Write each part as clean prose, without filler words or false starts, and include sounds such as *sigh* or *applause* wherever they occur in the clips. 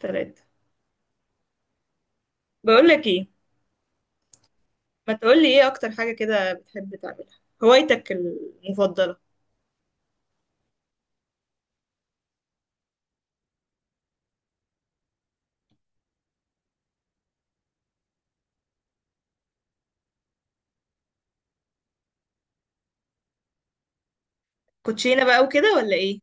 ثلاثة. بقول لك ايه؟ ما تقول لي ايه اكتر حاجة كده بتحب تعملها؟ هوايتك المفضلة؟ كوتشينة بقى وكده ولا ايه؟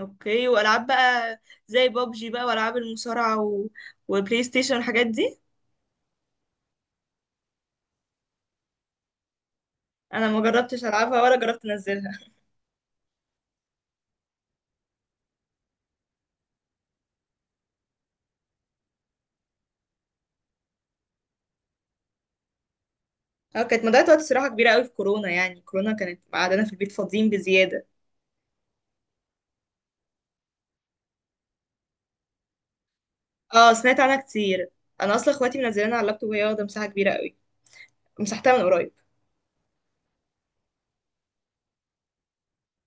اوكي، والعاب بقى زي بابجي بقى والعاب المصارعة وبلاي ستيشن والحاجات دي. انا ما جربتش العبها ولا جربت انزلها. اه، كانت مضيعة وقت صراحة كبيرة قوي في كورونا، يعني كورونا كانت قعدنا في البيت فاضيين بزيادة. اه سمعت عنها كتير. انا اصلا اخواتي منزلينها على اللابتوب، وهي واخدة مساحة كبيرة قوي، مسحتها من قريب.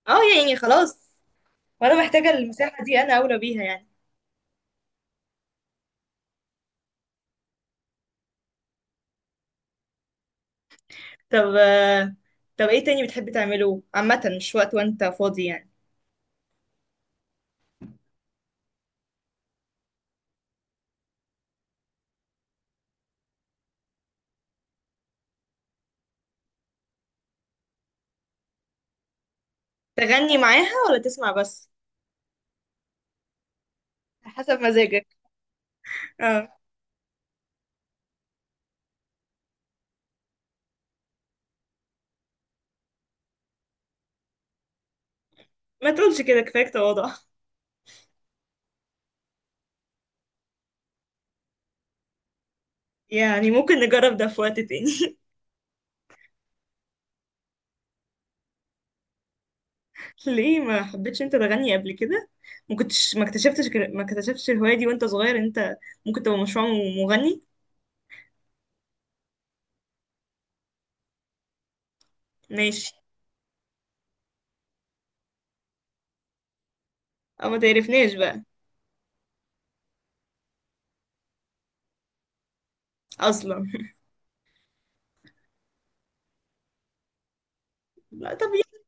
اه يعني خلاص، وانا محتاجة المساحة دي، انا اولى بيها يعني. طب آه، طب ايه تاني بتحب تعمله عامة مش وقت وانت فاضي يعني؟ تغني معاها ولا تسمع بس؟ حسب مزاجك. اه ما تقولش كده، كفاية تواضع. يعني ممكن نجرب ده في وقت تاني. *laughs* ليه ما حبيتش انت تغني قبل كده؟ ما كنتش ما اكتشفتش الهواية دي وانت صغير؟ انت ممكن تبقى مشروع مغني. ماشي. او ما تعرفناش بقى. اصلا. *laughs* لا طب يلا.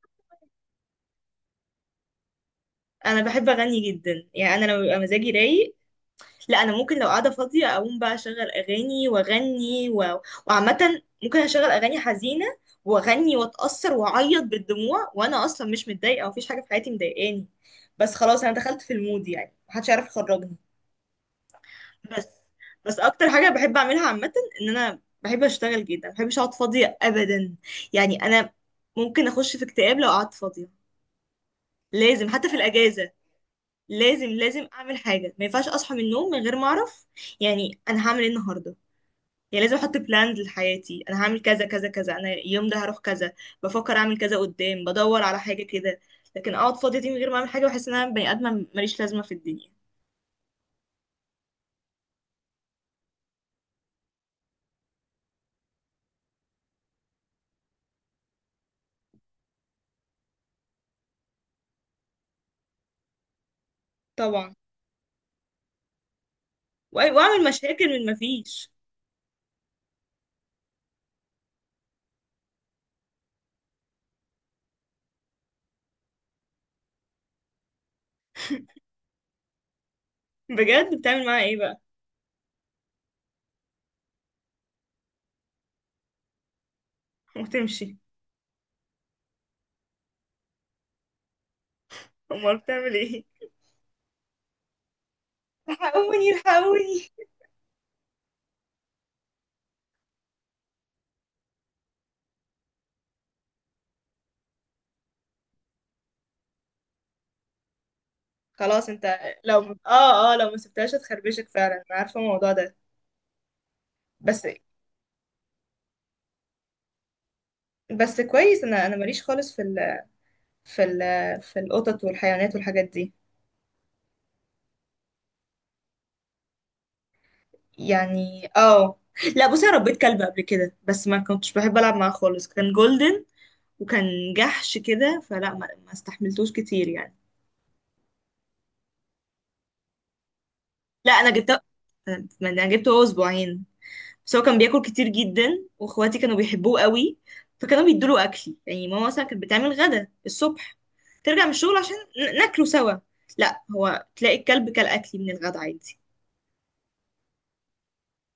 انا بحب اغني جدا، يعني انا لما بيبقى مزاجي رايق، لا انا ممكن لو قاعده فاضيه اقوم بقى اشغل اغاني واغني وعامه ممكن اشغل اغاني حزينه واغني واتاثر واعيط بالدموع، وانا اصلا مش متضايقه ومفيش حاجه في حياتي مضايقاني، بس خلاص انا دخلت في المود، يعني محدش يعرف يخرجني. بس بس اكتر حاجه بحب اعملها عامه ان انا بحب اشتغل جدا، ما بحبش اقعد فاضيه ابدا. يعني انا ممكن اخش في اكتئاب لو قعدت فاضيه. لازم حتى في الاجازه لازم، لازم اعمل حاجه. ما ينفعش اصحى من النوم من غير ما اعرف يعني انا هعمل ايه النهارده. يعني لازم احط بلانز لحياتي، انا هعمل كذا كذا كذا، انا اليوم ده هروح كذا، بفكر اعمل كذا قدام، بدور على حاجه كده. لكن اقعد فاضيه دي من غير ما اعمل حاجه، بحس ان انا بني ادمه ماليش لازمه في الدنيا. طبعا. واعمل مشاكل من ما فيش. بجد بتعمل معاها ايه بقى؟ *laughs* وتمشي. امال بتعمل ايه؟ الحقوني الحقوني. خلاص انت، لو، اه اه لو ما سبتهاش هتخربشك فعلا، انا عارفه الموضوع ده. بس. بس كويس، انا ماليش خالص في ال في ال في القطط والحيوانات والحاجات دي. يعني اه. لا بصي انا ربيت كلب قبل كده بس ما كنتش بحب العب معاه خالص. كان جولدن وكان جحش كده، فلا ما استحملتوش كتير يعني. لا انا جبته، ما انا جبته هو اسبوعين. بس هو كان بياكل كتير جدا، واخواتي كانوا بيحبوه قوي فكانوا بيدوله اكلي، يعني ماما مثلا كانت بتعمل غدا الصبح ترجع من الشغل عشان ناكله سوا. لا هو تلاقي الكلب كل اكلي من الغدا عادي.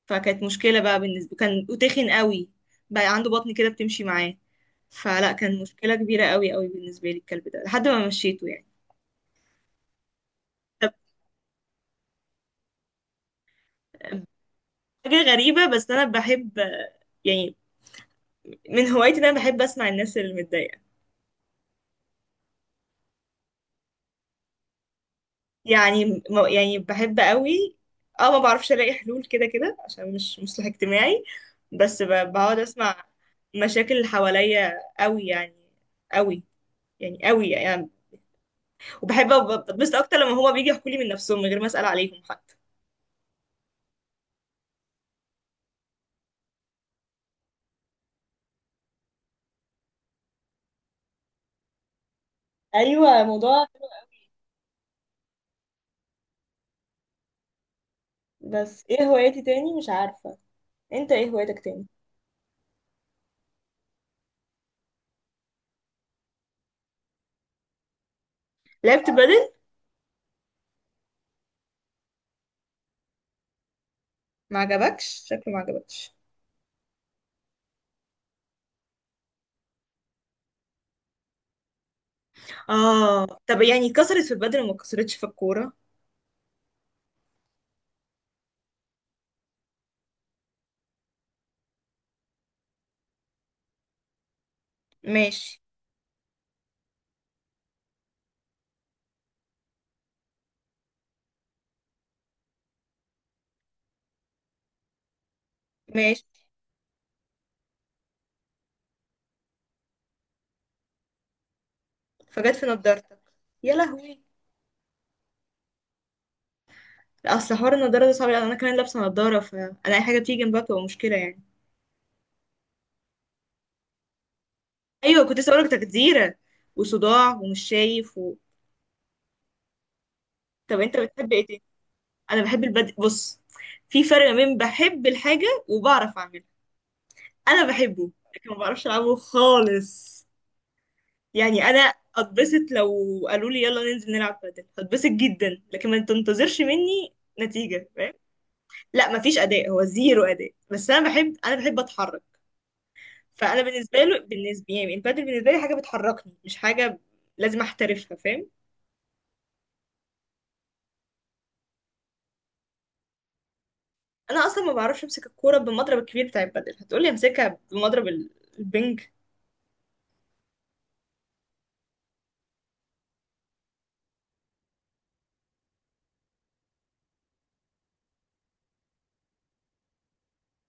فكانت مشكلة بقى بالنسبة، كان وتخن قوي، بقى عنده بطن كده بتمشي معاه. فلا كان مشكلة كبيرة قوي قوي بالنسبة لي الكلب ده، لحد ما مشيته يعني. طب. حاجة غريبة، بس أنا بحب يعني من هوايتي إن أنا بحب أسمع الناس اللي متضايقة. يعني بحب قوي، اه، ما بعرفش ألاقي حلول كده، كده عشان مش مصلح اجتماعي، بس بقعد أسمع مشاكل اللي حواليا قوي يعني، قوي يعني، قوي يعني. بتبسط اكتر لما هما بيجي يحكوا لي من نفسهم من غير ما اسال عليهم حتى. ايوه موضوع. بس ايه هوايتي تاني مش عارفه. انت ايه هوايتك تاني؟ لعبت بدل. ما عجبكش شكله؟ ما عجبكش. اه طب يعني كسرت في البدل وما كسرتش في الكوره؟ ماشي. ماشي. فجت في نضارتك؟ يا لهوي. لا اصل حوار النضاره ده صعب، لأن انا كمان لابسه نضاره، فانا اي حاجه تيجي جنبها بتبقى مشكله يعني. ايوه كنت لسه هقولك تجزيره وصداع ومش شايف و... طب انت بتحب ايه؟ انا بحب البدء. بص، في فرق ما بين بحب الحاجه وبعرف اعملها. انا بحبه لكن ما بعرفش العبه خالص. يعني انا اتبسط لو قالوا لي يلا ننزل نلعب بادل، هتبسط جدا، لكن ما تنتظرش مني نتيجه، فاهم؟ لا ما فيش اداء، هو زيرو اداء، بس انا بحب، انا بحب اتحرك. فانا بالنسبه يعني البادل بالنسبه لي حاجه بتحركني، مش حاجه لازم احترفها، فاهم؟ انا اصلا ما بعرفش امسك الكوره بالمضرب الكبير بتاع البادل، هتقولي امسكها بمضرب البنج؟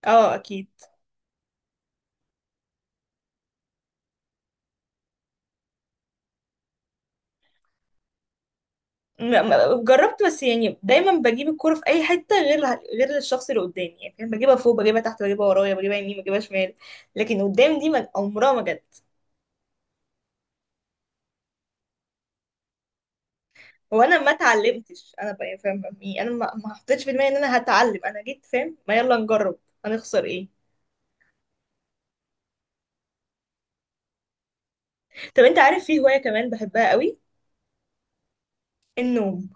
اه اكيد. جربت بس يعني دايما بجيب الكرة في اي حتة غير الشخص اللي قدامي، يعني فاهم؟ بجيبها فوق، بجيبها تحت، بجيبها ورايا، بجيبها يمين، بجيبها شمال، لكن قدام دي عمرها ما جت. وانا ما اتعلمتش انا بقى فاهم، يعني انا ما حطيتش في دماغي ان انا هتعلم، انا جيت فاهم ما يلا نجرب، هنخسر ايه. طب انت عارف في هواية كمان بحبها قوي؟ النوم.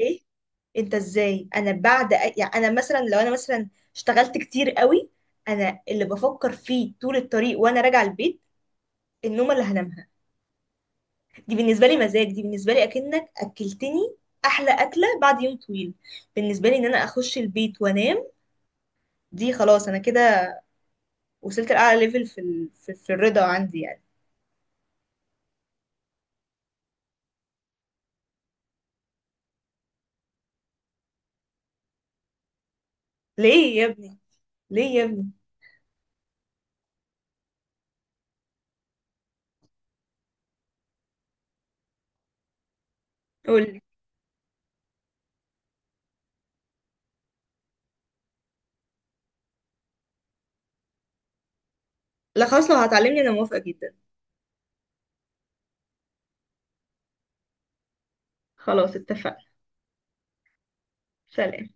ايه انت ازاي؟ انا بعد يعني انا مثلا، لو انا مثلا اشتغلت كتير قوي، انا اللي بفكر فيه طول الطريق وانا راجعه البيت النوم اللي هنام. دي بالنسبة لي مزاج، دي بالنسبة لي أكنك أكلتني أحلى أكلة بعد يوم طويل. بالنسبة لي إن أنا أخش البيت وأنام دي خلاص، أنا كده وصلت لأعلى ليفل في, في, في الرضا عندي يعني. ليه يا ابني، ليه يا ابني؟ قولي. لا خلاص لو هتعلمني أنا موافقة جدا. خلاص اتفقنا. سلام.